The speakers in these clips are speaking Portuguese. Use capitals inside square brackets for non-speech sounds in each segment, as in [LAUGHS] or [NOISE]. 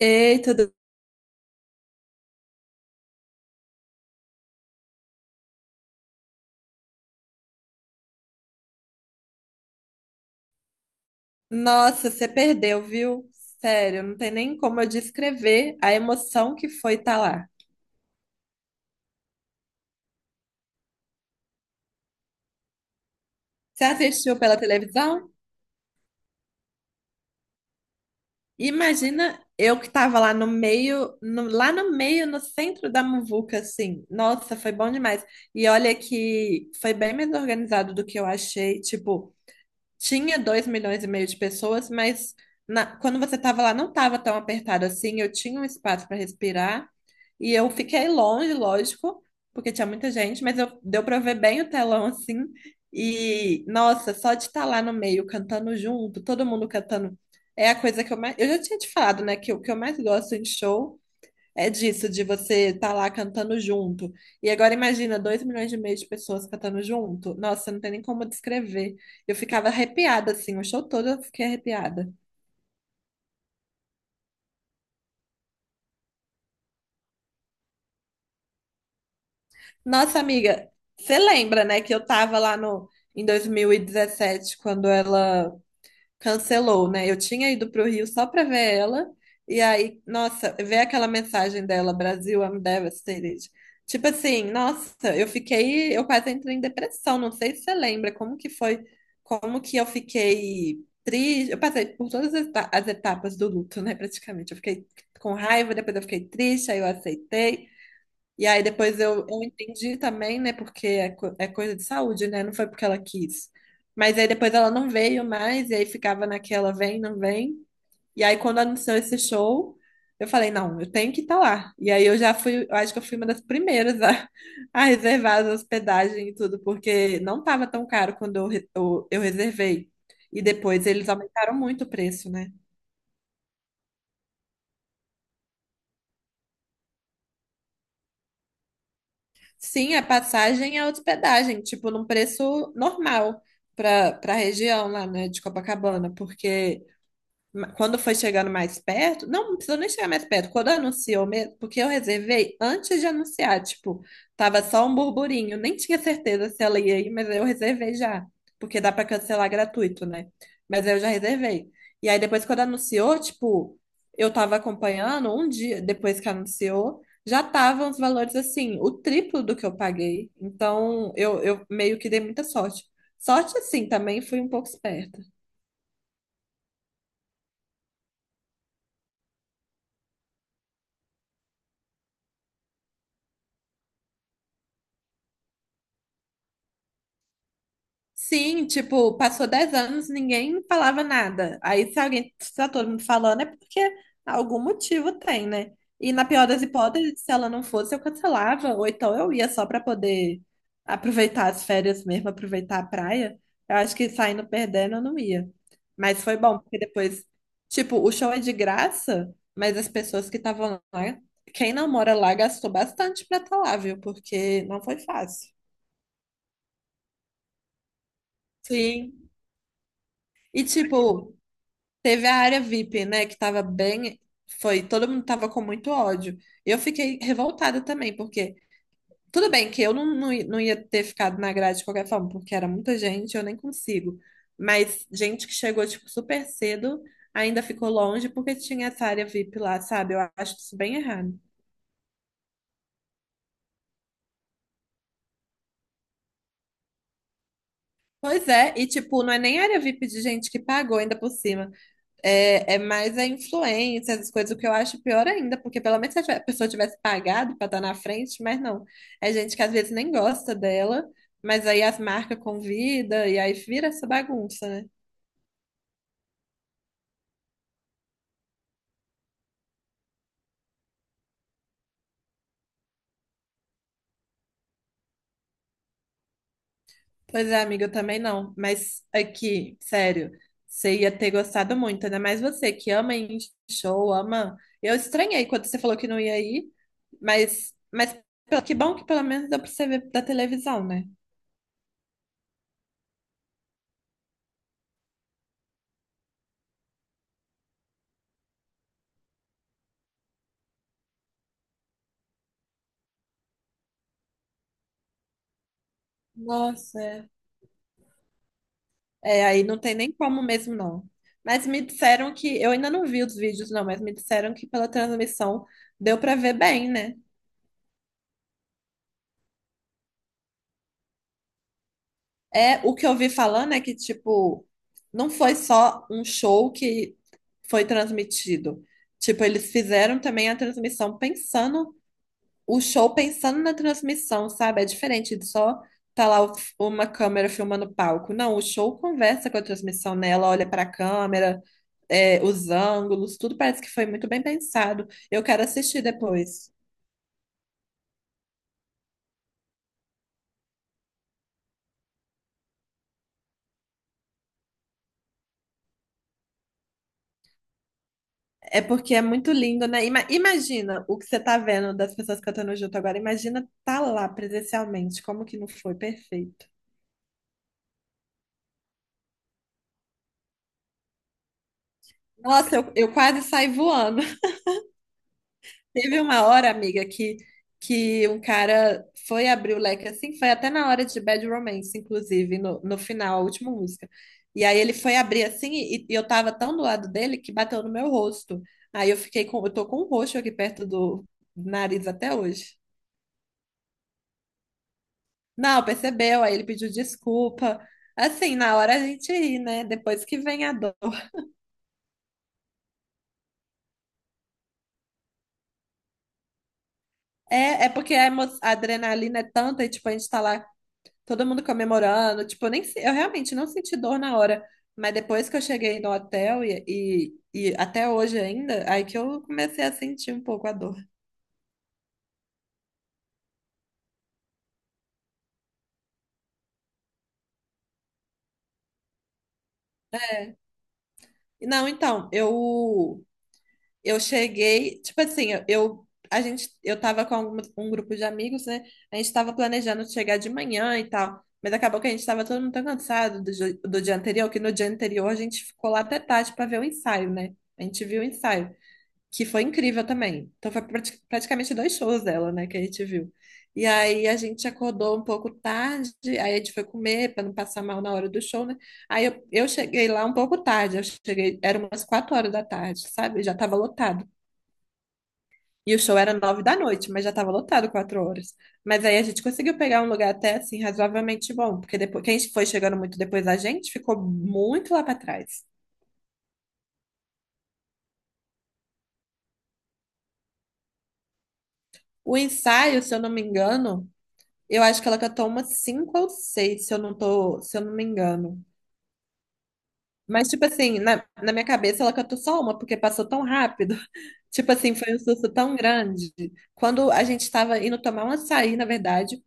Ei, tudo. Nossa, você perdeu, viu? Sério, não tem nem como eu descrever a emoção que foi estar lá. Você assistiu pela televisão? Imagina eu que estava lá no meio, lá no meio, no centro da muvuca, assim. Nossa, foi bom demais. E olha que foi bem mais organizado do que eu achei. Tipo, tinha 2,5 milhões de pessoas, mas quando você estava lá não estava tão apertado assim, eu tinha um espaço para respirar e eu fiquei longe, lógico, porque tinha muita gente, mas eu, deu para ver bem o telão assim. E nossa, só de estar lá no meio cantando junto, todo mundo cantando, é a coisa que eu mais. Eu já tinha te falado, né, que o que eu mais gosto em show é disso, de você estar tá lá cantando junto. E agora imagina, 2,5 milhões de pessoas cantando junto. Nossa, não tem nem como descrever. Eu ficava arrepiada, assim, o show todo eu fiquei arrepiada. Nossa, amiga, você lembra, né, que eu tava lá no, em 2017, quando ela cancelou, né? Eu tinha ido para o Rio só para ver ela, e aí, nossa, ver aquela mensagem dela, Brasil, I'm devastated. Tipo assim, nossa, eu fiquei, eu quase entrei em depressão, não sei se você lembra como que foi, como que eu fiquei triste, eu passei por todas as etapas do luto, né, praticamente. Eu fiquei com raiva, depois eu fiquei triste, aí eu aceitei, e aí depois eu entendi também, né? Porque é coisa de saúde, né? Não foi porque ela quis. Mas aí depois ela não veio mais, e aí ficava naquela vem, não vem. E aí quando anunciou esse show, eu falei, não, eu tenho que estar lá. E aí eu já fui, eu acho que eu fui uma das primeiras a, [LAUGHS] a reservar as hospedagem e tudo, porque não estava tão caro quando eu reservei. E depois eles aumentaram muito o preço, né? Sim, a passagem e a hospedagem, tipo, num preço normal para a região lá, né, de Copacabana, porque quando foi chegando mais perto, não, não precisou nem chegar mais perto, quando anunciou mesmo, porque eu reservei antes de anunciar, tipo, tava só um burburinho, nem tinha certeza se ela ia ir, mas eu reservei já, porque dá pra cancelar gratuito, né? Mas eu já reservei. E aí depois quando anunciou, tipo, eu tava acompanhando um dia depois que anunciou, já estavam os valores assim, o triplo do que eu paguei. Então, eu meio que dei muita sorte. Sorte, assim, também fui um pouco esperta. Sim, tipo, passou 10 anos, ninguém falava nada. Aí, se alguém está todo mundo falando, é porque algum motivo tem, né? E na pior das hipóteses, se ela não fosse, eu cancelava, ou então eu ia só para poder aproveitar as férias mesmo, aproveitar a praia. Eu acho que saindo perdendo, eu não ia. Mas foi bom, porque depois, tipo, o show é de graça, mas as pessoas que estavam lá, quem não mora lá gastou bastante pra estar lá, viu? Porque não foi fácil. Sim. E tipo, teve a área VIP, né, que tava bem, foi, todo mundo tava com muito ódio. Eu fiquei revoltada também, porque tudo bem que eu não ia ter ficado na grade de qualquer forma, porque era muita gente, eu nem consigo. Mas gente que chegou, tipo, super cedo, ainda ficou longe porque tinha essa área VIP lá, sabe? Eu acho isso bem errado. Pois é, e tipo, não é nem área VIP de gente que pagou ainda por cima. É mais a influência, as coisas, o que eu acho pior ainda, porque pelo menos se a pessoa tivesse pagado para estar na frente, mas não. É gente que às vezes nem gosta dela, mas aí as marcas convida e aí vira essa bagunça, né? Pois é, amiga, eu também não. Mas aqui, sério, você ia ter gostado muito, ainda mais você que ama ir em show, ama. Eu estranhei quando você falou que não ia ir, mas que bom que pelo menos deu pra você ver da televisão, né? Nossa, é. É, aí não tem nem como mesmo, não. Mas me disseram que, eu ainda não vi os vídeos, não, mas me disseram que pela transmissão deu pra ver bem, né? É, o que eu vi falando é que, tipo, não foi só um show que foi transmitido. Tipo, eles fizeram também a transmissão pensando o show pensando na transmissão, sabe? É diferente de só tá lá uma câmera filmando o palco. Não, o show conversa com a transmissão, né? Ela olha para a câmera, é, os ângulos, tudo parece que foi muito bem pensado. Eu quero assistir depois. É porque é muito lindo, né? Imagina o que você tá vendo das pessoas cantando junto agora. Imagina tá lá presencialmente, como que não foi perfeito. Nossa, eu quase saí voando. Teve uma hora, amiga, que um cara foi abrir o leque assim, foi até na hora de Bad Romance, inclusive, no final, a última música. E aí ele foi abrir assim, e eu tava tão do lado dele que bateu no meu rosto. Aí eu fiquei com, eu tô com um roxo aqui perto do nariz até hoje. Não, percebeu, aí ele pediu desculpa. Assim, na hora a gente ri, né? Depois que vem a dor. É porque a adrenalina é tanta e, tipo, a gente tá lá todo mundo comemorando. Tipo, eu nem, se- eu realmente não senti dor na hora. Mas depois que eu cheguei no hotel e até hoje ainda, aí que eu comecei a sentir um pouco a dor. Não, então, eu cheguei, tipo assim, eu a gente eu tava com um grupo de amigos, né? A gente tava planejando chegar de manhã e tal, mas acabou que a gente tava todo mundo tão cansado do dia anterior, que no dia anterior a gente ficou lá até tarde pra ver o ensaio, né? A gente viu o ensaio. Que foi incrível também. Então foi praticamente dois shows dela, né, que a gente viu. E aí a gente acordou um pouco tarde, aí a gente foi comer para não passar mal na hora do show, né? Aí eu cheguei lá um pouco tarde, eu cheguei, eram umas 4 horas da tarde, sabe? Já estava lotado. E o show era 9 da noite, mas já estava lotado 4 horas. Mas aí a gente conseguiu pegar um lugar até assim razoavelmente bom, porque depois quem foi chegando muito depois da gente ficou muito lá para trás. O ensaio, se eu não me engano, eu acho que ela catou umas cinco ou seis, se eu não tô, se eu não me engano. Mas, tipo assim, na minha cabeça ela catou só uma, porque passou tão rápido. [LAUGHS] Tipo assim, foi um susto tão grande. Quando a gente tava indo tomar um açaí, na verdade,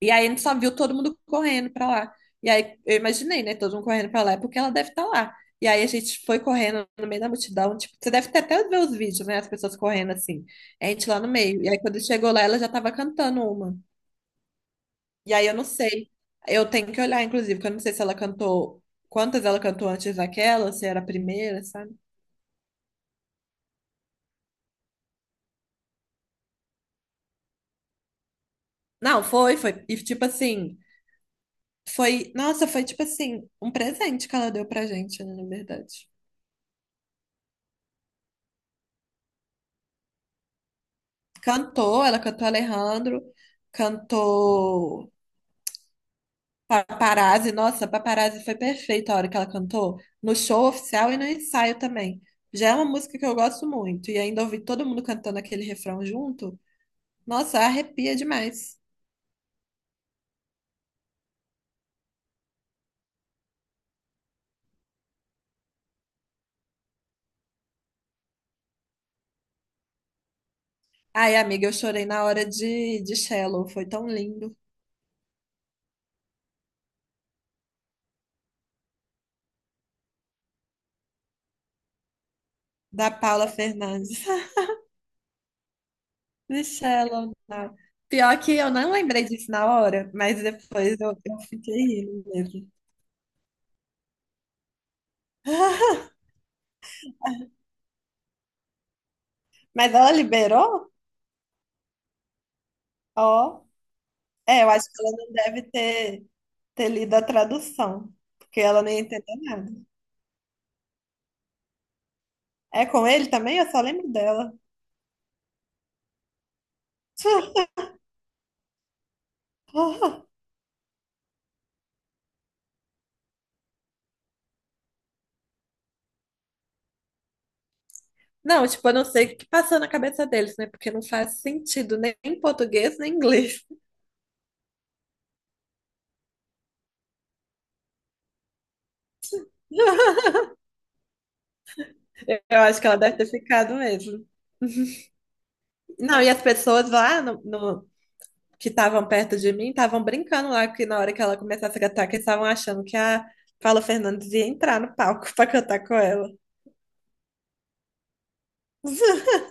e aí a gente só viu todo mundo correndo pra lá. E aí eu imaginei, né, todo mundo correndo pra lá, é porque ela deve estar lá. E aí a gente foi correndo no meio da multidão, tipo, você deve ter até ver os vídeos, né, as pessoas correndo assim. A gente lá no meio. E aí quando chegou lá, ela já tava cantando uma. E aí eu não sei. Eu tenho que olhar, inclusive, porque eu não sei se ela cantou, quantas ela cantou antes daquela, se era a primeira, sabe? Não, foi, foi. E tipo assim, foi, nossa, foi tipo assim, um presente que ela deu pra gente, né, na verdade. Cantou, ela cantou Alejandro, cantou Paparazzi, nossa, Paparazzi foi perfeita a hora que ela cantou, no show oficial e no ensaio também. Já é uma música que eu gosto muito, e ainda ouvi todo mundo cantando aquele refrão junto, nossa, arrepia demais. Ai, amiga, eu chorei na hora de Shallow, foi tão lindo. Da Paula Fernandes. [LAUGHS] De Shallow, não. Pior que eu não lembrei disso na hora, mas depois eu fiquei rindo mesmo. [LAUGHS] Mas ela liberou? Ó. É, eu acho que ela não deve ter lido a tradução, porque ela nem entendeu nada. É com ele também? Eu só lembro dela. [LAUGHS] Não, tipo, eu não sei o que passou na cabeça deles, né? Porque não faz sentido nem em português nem em inglês. [LAUGHS] Eu acho que ela deve ter ficado mesmo. Não, e as pessoas lá que estavam perto de mim estavam brincando lá que na hora que ela começasse a cantar, que eles estavam achando que a Paula Fernandes ia entrar no palco [LAUGHS] pra cantar com ela. [LAUGHS]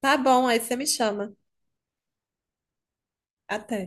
Tá bom, aí você me chama. Até.